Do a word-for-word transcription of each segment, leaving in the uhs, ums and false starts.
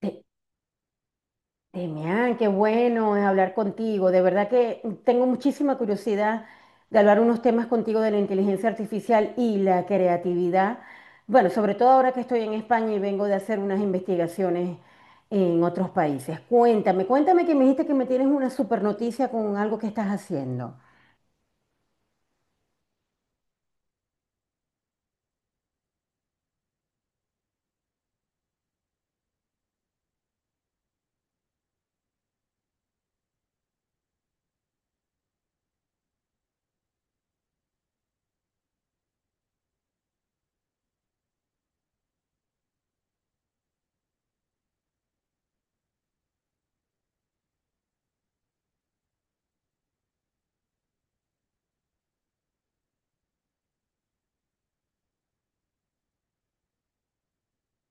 Te- Demián, qué bueno es hablar contigo. De verdad que tengo muchísima curiosidad de hablar unos temas contigo de la inteligencia artificial y la creatividad. Bueno, sobre todo ahora que estoy en España y vengo de hacer unas investigaciones en otros países. Cuéntame, cuéntame que me dijiste que me tienes una super noticia con algo que estás haciendo.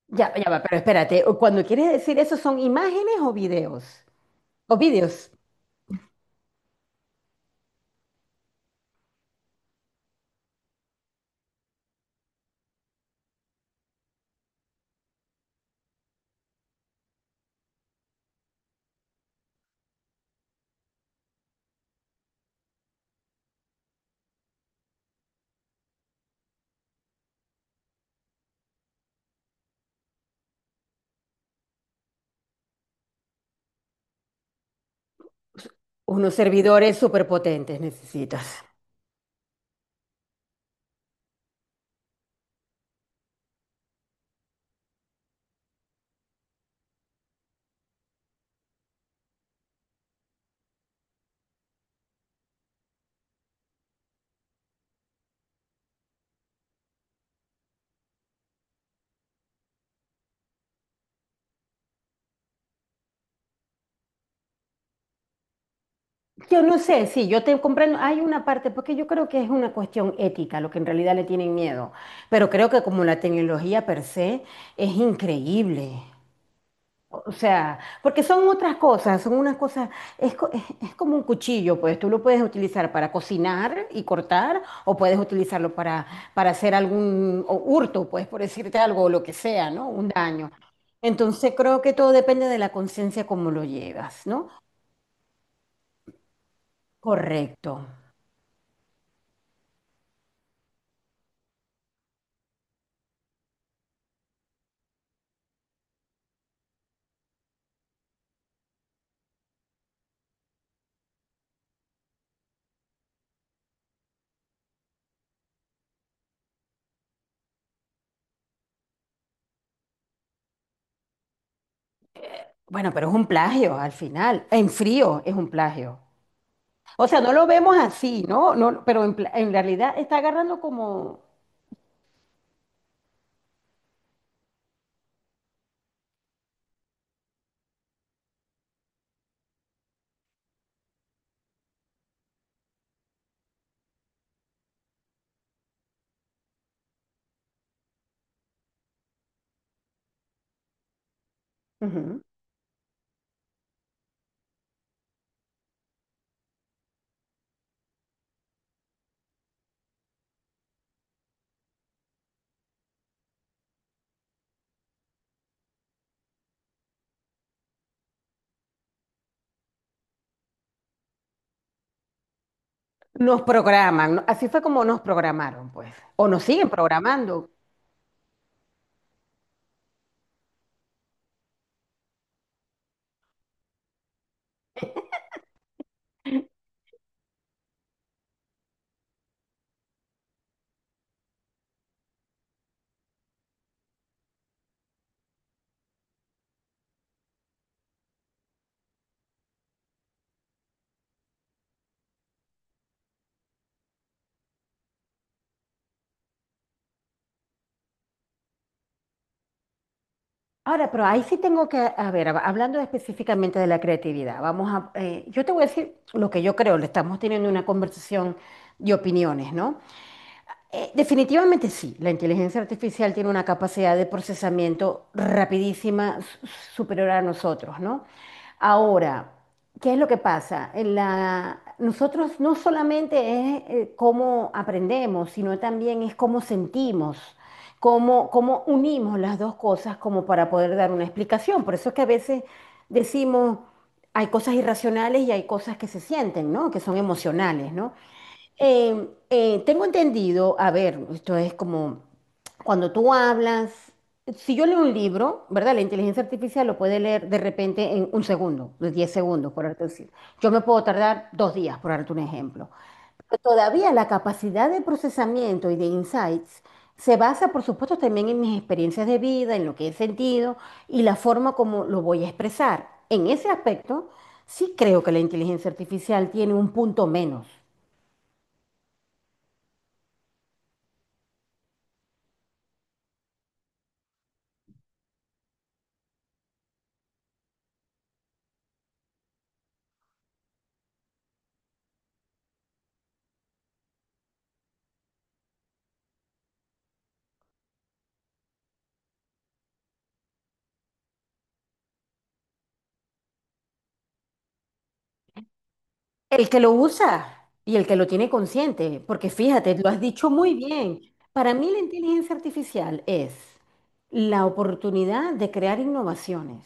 Ya, ya va, pero espérate, cuando quieres decir eso, ¿son imágenes o videos? O videos. Unos servidores súper potentes necesitas. Yo no sé, sí, yo te comprendo. Hay una parte, porque yo creo que es una cuestión ética, lo que en realidad le tienen miedo. Pero creo que como la tecnología per se es increíble. O sea, porque son otras cosas, son unas cosas, es, co- es- es como un cuchillo, pues tú lo puedes utilizar para cocinar y cortar, o puedes utilizarlo para, para hacer algún o hurto, pues por decirte algo, o lo que sea, ¿no? Un daño. Entonces creo que todo depende de la conciencia como lo llevas, ¿no? Correcto. Bueno, pero es un plagio al final. En frío es un plagio. O sea, no lo vemos así, ¿no? No, pero en, pla- en realidad está agarrando como. Ujú. Nos programan, ¿no? Así fue como nos programaron, pues. O nos siguen programando. Ahora, pero ahí sí tengo que, a ver, hab- hablando específicamente de la creatividad, vamos a, eh, yo te voy a decir lo que yo creo, le estamos teniendo una conversación de opiniones, ¿no? Eh, definitivamente sí, la inteligencia artificial tiene una capacidad de procesamiento rapidísima su- superior a nosotros, ¿no? Ahora, ¿qué es lo que pasa? En la- nosotros no solamente es eh, cómo aprendemos, sino también es cómo sentimos, cómo, cómo unimos las dos cosas como para poder dar una explicación. Por eso es que a veces decimos, hay cosas irracionales y hay cosas que se sienten, ¿no? Que son emocionales, ¿no? Eh, eh, tengo entendido, a ver, esto es como cuando tú hablas, si yo leo un libro, ¿verdad? La inteligencia artificial lo puede leer de repente en un segundo, de diez segundos, por darte decir. Yo me puedo tardar dos días, por darte un ejemplo. Todavía la capacidad de procesamiento y de insights se basa, por supuesto, también en mis experiencias de vida, en lo que he sentido y la forma como lo voy a expresar. En ese aspecto, sí creo que la inteligencia artificial tiene un punto menos. El que lo usa y el que lo tiene consciente, porque fíjate, lo has dicho muy bien. Para mí la inteligencia artificial es la oportunidad de crear innovaciones.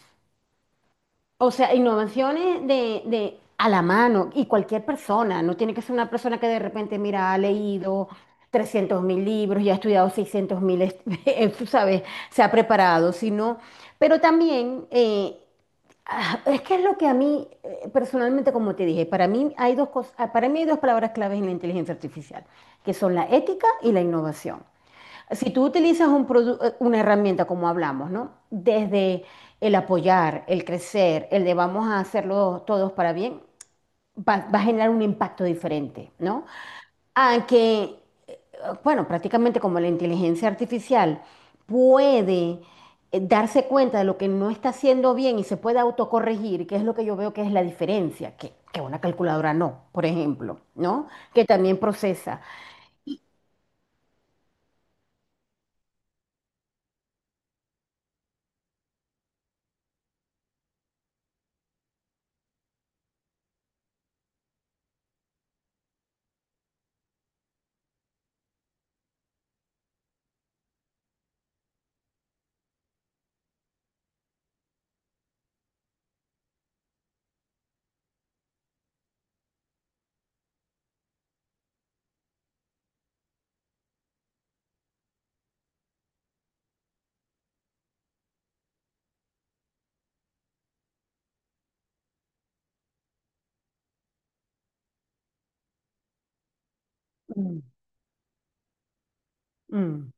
O sea, innovaciones de, de a la mano y cualquier persona, no tiene que ser una persona que de repente, mira, ha leído trescientos mil libros y ha estudiado seiscientos mil, tú sabes, se ha preparado, sino, pero también. eh, Ah, Es que es lo que a mí, eh, personalmente, como te dije, para mí hay dos cos- ah, para mí hay dos palabras claves en la inteligencia artificial, que son la ética y la innovación. Si tú utilizas un produ- eh, una herramienta, como hablamos, ¿no? Desde el apoyar, el crecer, el de vamos a hacerlo todos para bien, va, va a generar un impacto diferente, ¿no? A que bueno, prácticamente como la inteligencia artificial puede eh, darse cuenta de lo que no está haciendo bien y se puede autocorregir, que es lo que yo veo que es la diferencia, que, que una calculadora no, por ejemplo, ¿no? Que también procesa. Mm, mm,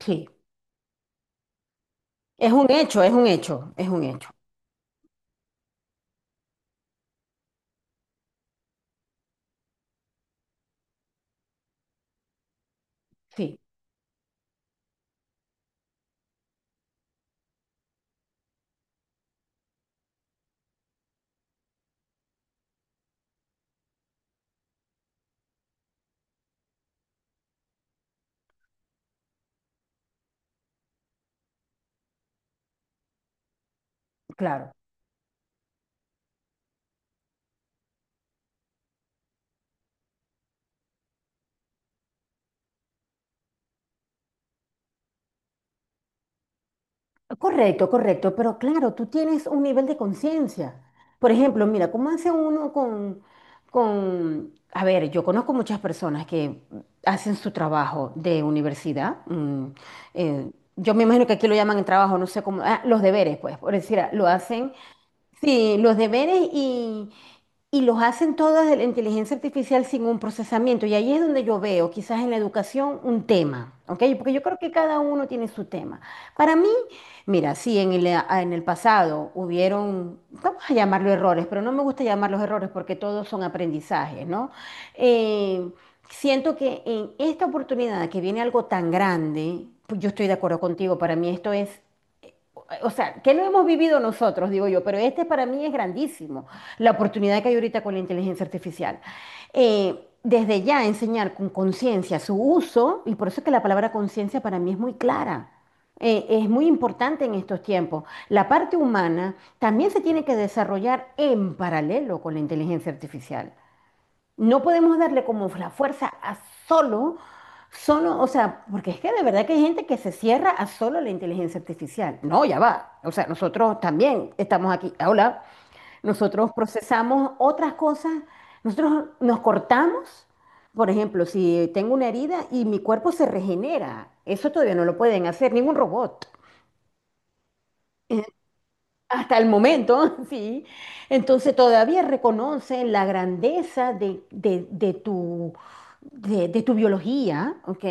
sí, es un hecho, es un hecho, es un hecho. Sí, claro. Correcto, correcto, pero claro, tú tienes un nivel de conciencia. Por ejemplo, mira, ¿cómo hace uno con, con, a ver, yo conozco muchas personas que hacen su trabajo de universidad. mm, eh, yo me imagino que aquí lo llaman el trabajo, no sé cómo, ah, los deberes, pues, por decir, ah, lo hacen, sí, los deberes y los hacen todos desde la inteligencia artificial sin un procesamiento. Y ahí es donde yo veo, quizás en la educación, un tema, ¿ok? Porque yo creo que cada uno tiene su tema. Para mí, mira, sí, en el, ah, en el pasado hubieron, vamos a llamarlo errores, pero no me gusta llamarlos errores porque todos son aprendizajes, ¿no? Eh, Siento que en esta oportunidad que viene algo tan grande, pues yo estoy de acuerdo contigo, para mí esto es, o sea, que no hemos vivido nosotros, digo yo, pero este para mí es grandísimo, la oportunidad que hay ahorita con la inteligencia artificial. Eh, desde ya enseñar con conciencia su uso, y por eso es que la palabra conciencia para mí es muy clara. Eh, es muy importante en estos tiempos. La parte humana también se tiene que desarrollar en paralelo con la inteligencia artificial. No podemos darle como la fuerza a solo, solo, o sea, porque es que de verdad que hay gente que se cierra a solo la inteligencia artificial. No, ya va. O sea, nosotros también estamos aquí. Hola, nosotros procesamos otras cosas, nosotros nos cortamos. Por ejemplo, si tengo una herida y mi cuerpo se regenera, eso todavía no lo pueden hacer ningún robot. Hasta el momento, sí. Entonces todavía reconocen la grandeza de, de- de tu, de, de tu biología, ¿ok?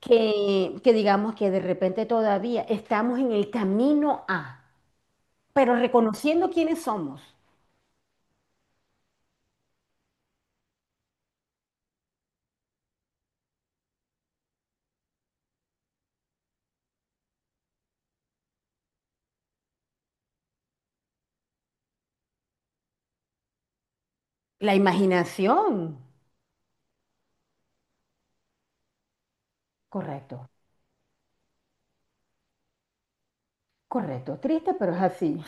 Que, que digamos que de repente todavía estamos en el camino a, pero reconociendo quiénes somos. La imaginación. Correcto, correcto. Triste, pero es así.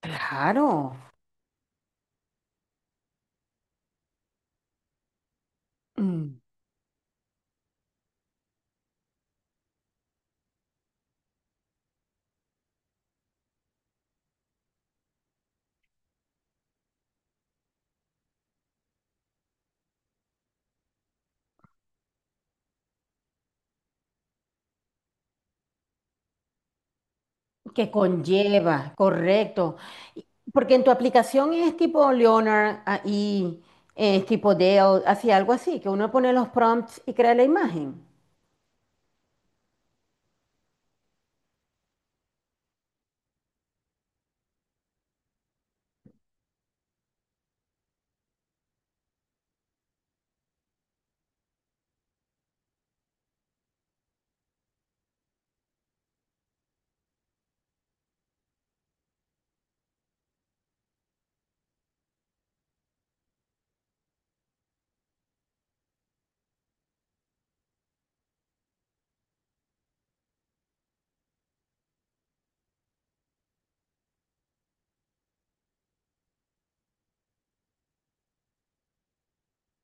Claro. Mm. Que conlleva, correcto. Y- Porque en tu aplicación es tipo Leonard ah, y es tipo Dell, así algo así, que uno pone los prompts y crea la imagen.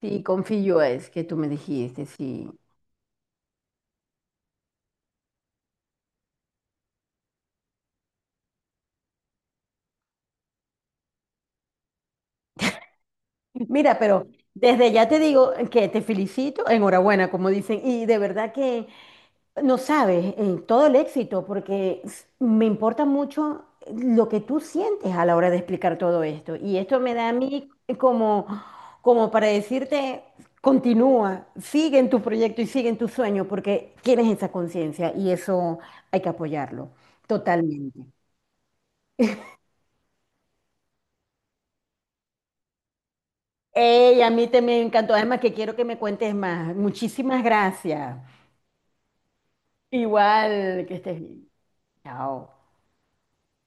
Sí, confío es que tú me dijiste, sí. Mira, pero desde ya te digo que te felicito, enhorabuena, como dicen, y de verdad que no sabes, eh, todo el éxito, porque s- me importa mucho eh, lo que tú sientes a la hora de explicar todo esto. Y esto me da a mí como, como, para decirte, continúa, sigue en tu proyecto y sigue en tu sueño, porque tienes esa conciencia y eso hay que apoyarlo totalmente. Ey, a mí te me encantó, además que quiero que me cuentes más. Muchísimas gracias. Igual, que estés bien. Chao.